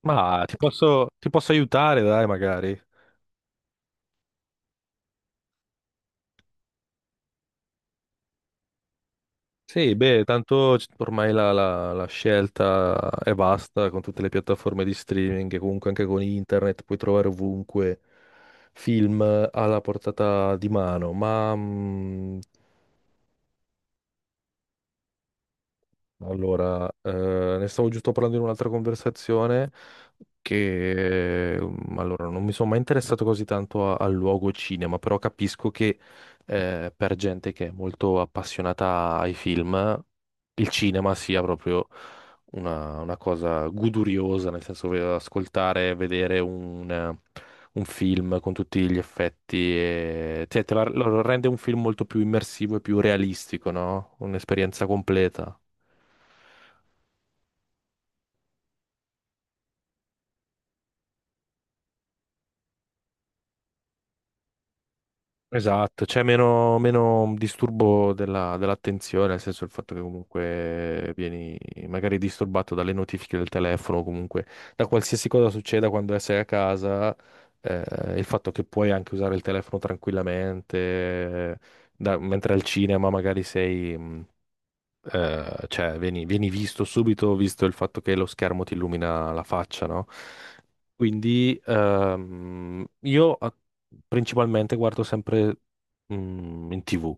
Ti posso aiutare, dai, magari. Sì, beh, tanto ormai la scelta è vasta con tutte le piattaforme di streaming e comunque anche con internet puoi trovare ovunque film alla portata di mano. Ma mhmm. Allora, eh, Ne stavo giusto parlando in un'altra conversazione che non mi sono mai interessato così tanto al luogo cinema, però capisco che per gente che è molto appassionata ai film, il cinema sia proprio una cosa goduriosa, nel senso ascoltare, vedere un film con tutti gli effetti, e, cioè, lo rende un film molto più immersivo e più realistico, no? Un'esperienza completa. Esatto, c'è meno disturbo dell'attenzione, nel senso il fatto che comunque vieni magari disturbato dalle notifiche del telefono, o comunque da qualsiasi cosa succeda quando sei a casa, eh, il fatto che puoi anche usare il telefono tranquillamente, mentre al cinema magari sei, cioè vieni visto subito, visto il fatto che lo schermo ti illumina la faccia, no? Quindi principalmente guardo sempre in TV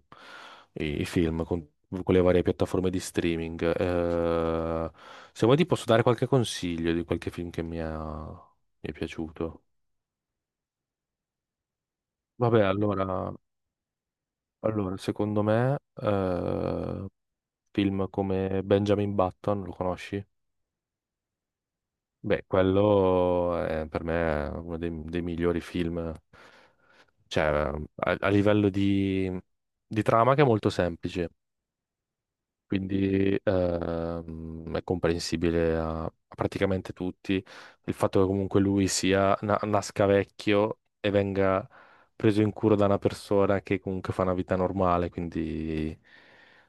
i film con le varie piattaforme di streaming. Se vuoi ti posso dare qualche consiglio di qualche film che mi è piaciuto. Vabbè, allora, secondo me, film come Benjamin Button, lo conosci? Beh, quello è per me è uno dei migliori film, cioè a livello di trama che è molto semplice, quindi è comprensibile a praticamente tutti. Il fatto che comunque lui sia, nasca vecchio e venga preso in cura da una persona che comunque fa una vita normale, quindi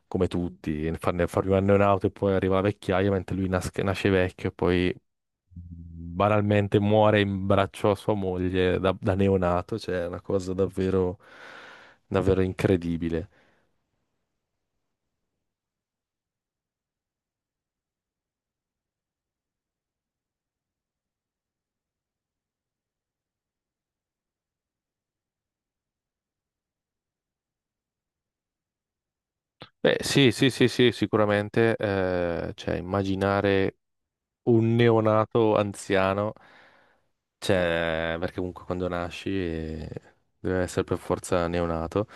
come tutti, farne un anno in auto e poi arriva la vecchiaia, mentre lui nasce vecchio e poi banalmente muore in braccio a sua moglie da neonato, cioè è una cosa davvero incredibile. Beh, sì, sicuramente, cioè, immaginare un neonato anziano, cioè, perché comunque quando nasci deve essere per forza neonato,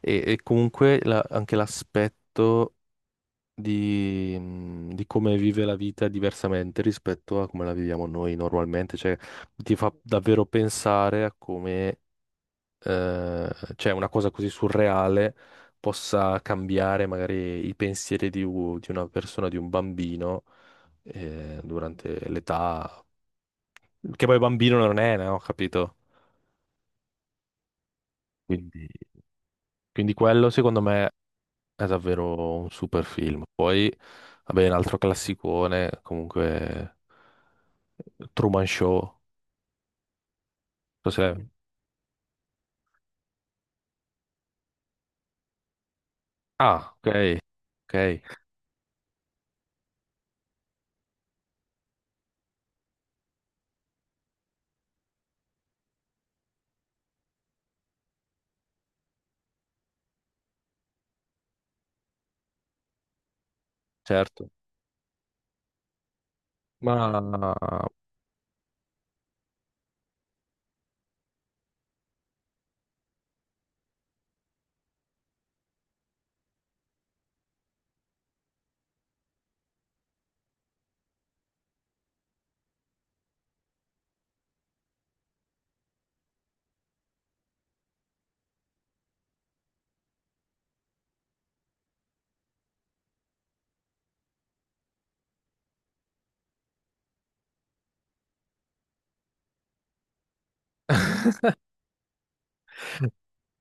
e comunque anche l'aspetto di come vive la vita diversamente rispetto a come la viviamo noi normalmente, cioè ti fa davvero pensare a come eh, cioè una cosa così surreale possa cambiare magari i pensieri di una persona, di un bambino durante l'età, che poi bambino non è, no? Capito? Quindi, quindi, quello secondo me è davvero un super film. Poi, vabbè, un altro classicone, comunque Truman Show. Cos'è? Ah, ok, ok, certo. Ma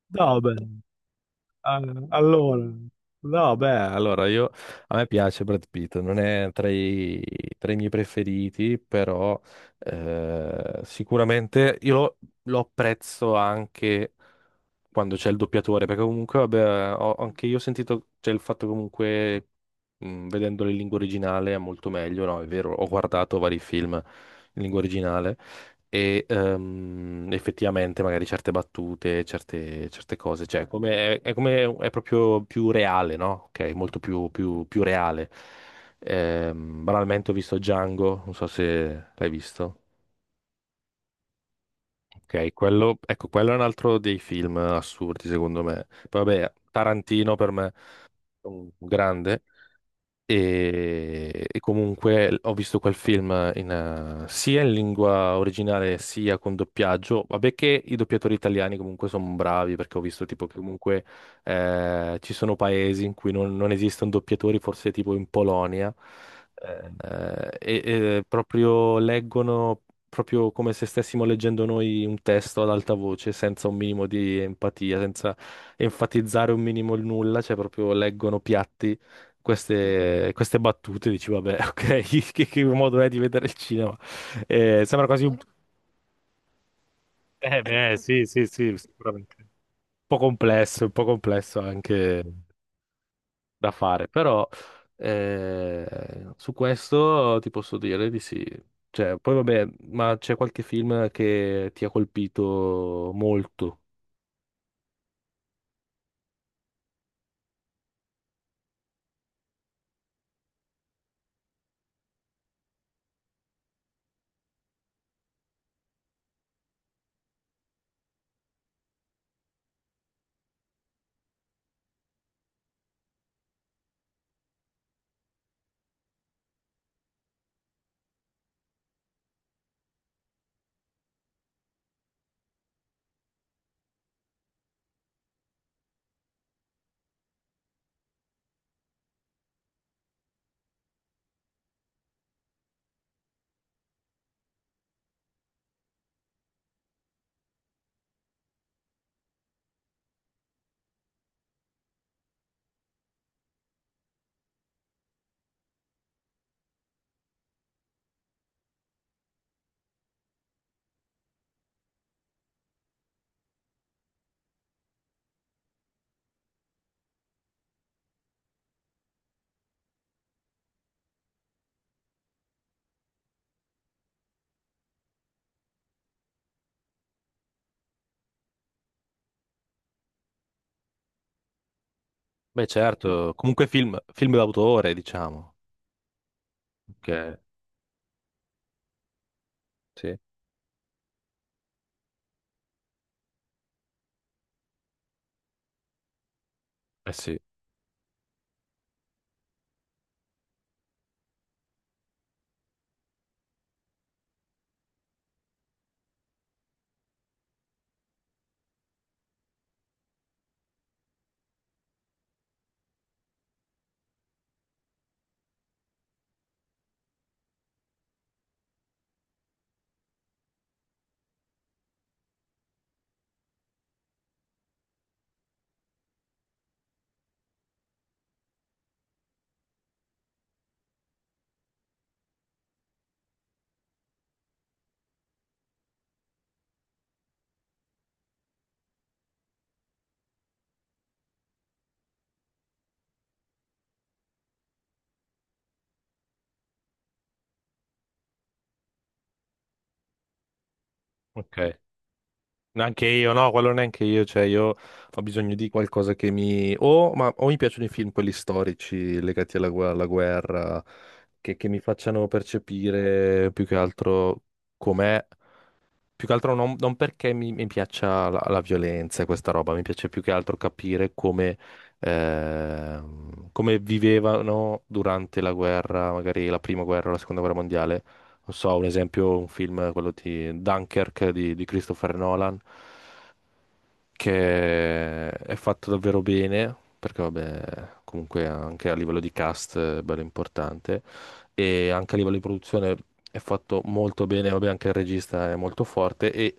no, beh, allora, no, beh, allora io a me piace Brad Pitt, non è tra tra i miei preferiti, però sicuramente lo apprezzo anche quando c'è il doppiatore, perché comunque, vabbè, anche io ho sentito, c'è il fatto comunque, vedendolo in lingua originale è molto meglio, no? È vero, ho guardato vari film in lingua originale e effettivamente magari certe battute, certe cose, cioè come, è come, è proprio più reale, no? Ok, molto più reale. Banalmente ho visto Django, non so se l'hai visto. Ok, quello, ecco, quello è un altro dei film assurdi, secondo me. Poi vabbè, Tarantino per me è un grande. E comunque ho visto quel film sia in lingua originale sia con doppiaggio. Vabbè che i doppiatori italiani comunque sono bravi perché ho visto tipo che comunque ci sono paesi in cui non esistono doppiatori, forse tipo in Polonia, eh, e proprio leggono proprio come se stessimo leggendo noi un testo ad alta voce, senza un minimo di empatia, senza enfatizzare un minimo il nulla, cioè proprio leggono piatti queste battute, dici, vabbè, ok, che modo è di vedere il cinema? Sembra quasi un... beh, sì, sicuramente. Un po' complesso anche da fare, però su questo ti posso dire di sì. Cioè, poi vabbè, ma c'è qualche film che ti ha colpito molto? Beh, certo, comunque film d'autore, diciamo. Ok, sì. Eh sì, ok. Neanche io, no, quello neanche io, cioè io ho bisogno di qualcosa che mi... O, ma, o mi piacciono i film, quelli storici legati alla, alla guerra, che mi facciano percepire più che altro com'è, più che altro non perché mi piaccia la violenza e questa roba, mi piace più che altro capire come, come vivevano durante la guerra, magari la prima guerra, o la seconda guerra mondiale. Non so, un esempio, un film, quello di Dunkirk di Christopher Nolan che è fatto davvero bene, perché vabbè, comunque anche a livello di cast è bello importante, e anche a livello di produzione è fatto molto bene, vabbè, anche il regista è molto forte, e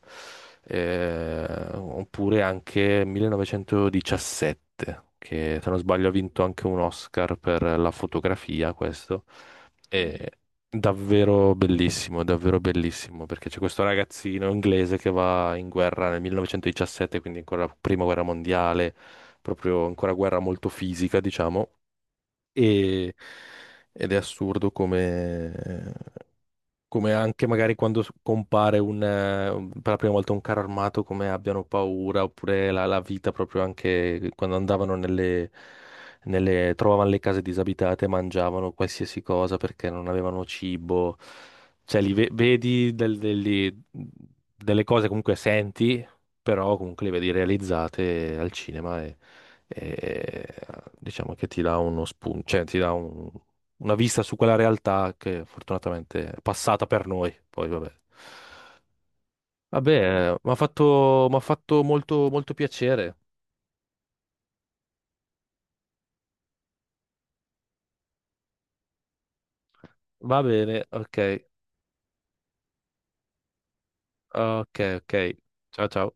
oppure anche 1917, che se non sbaglio ha vinto anche un Oscar per la fotografia, questo. E davvero bellissimo, davvero bellissimo, perché c'è questo ragazzino inglese che va in guerra nel 1917, quindi ancora prima guerra mondiale, proprio ancora guerra molto fisica, diciamo, e- ed è assurdo come, come anche magari quando compare un, per la prima volta un carro armato, come abbiano paura, oppure la vita proprio anche quando andavano nelle, trovavano le case disabitate, mangiavano qualsiasi cosa perché non avevano cibo. Cioè, vedi delle cose comunque senti, però comunque le vedi realizzate al cinema e, diciamo che ti dà uno spunto, cioè ti dà una vista su quella realtà che fortunatamente è passata per noi. Poi vabbè. Vabbè, m'ha fatto molto piacere. Va bene, ok. Ciao ciao.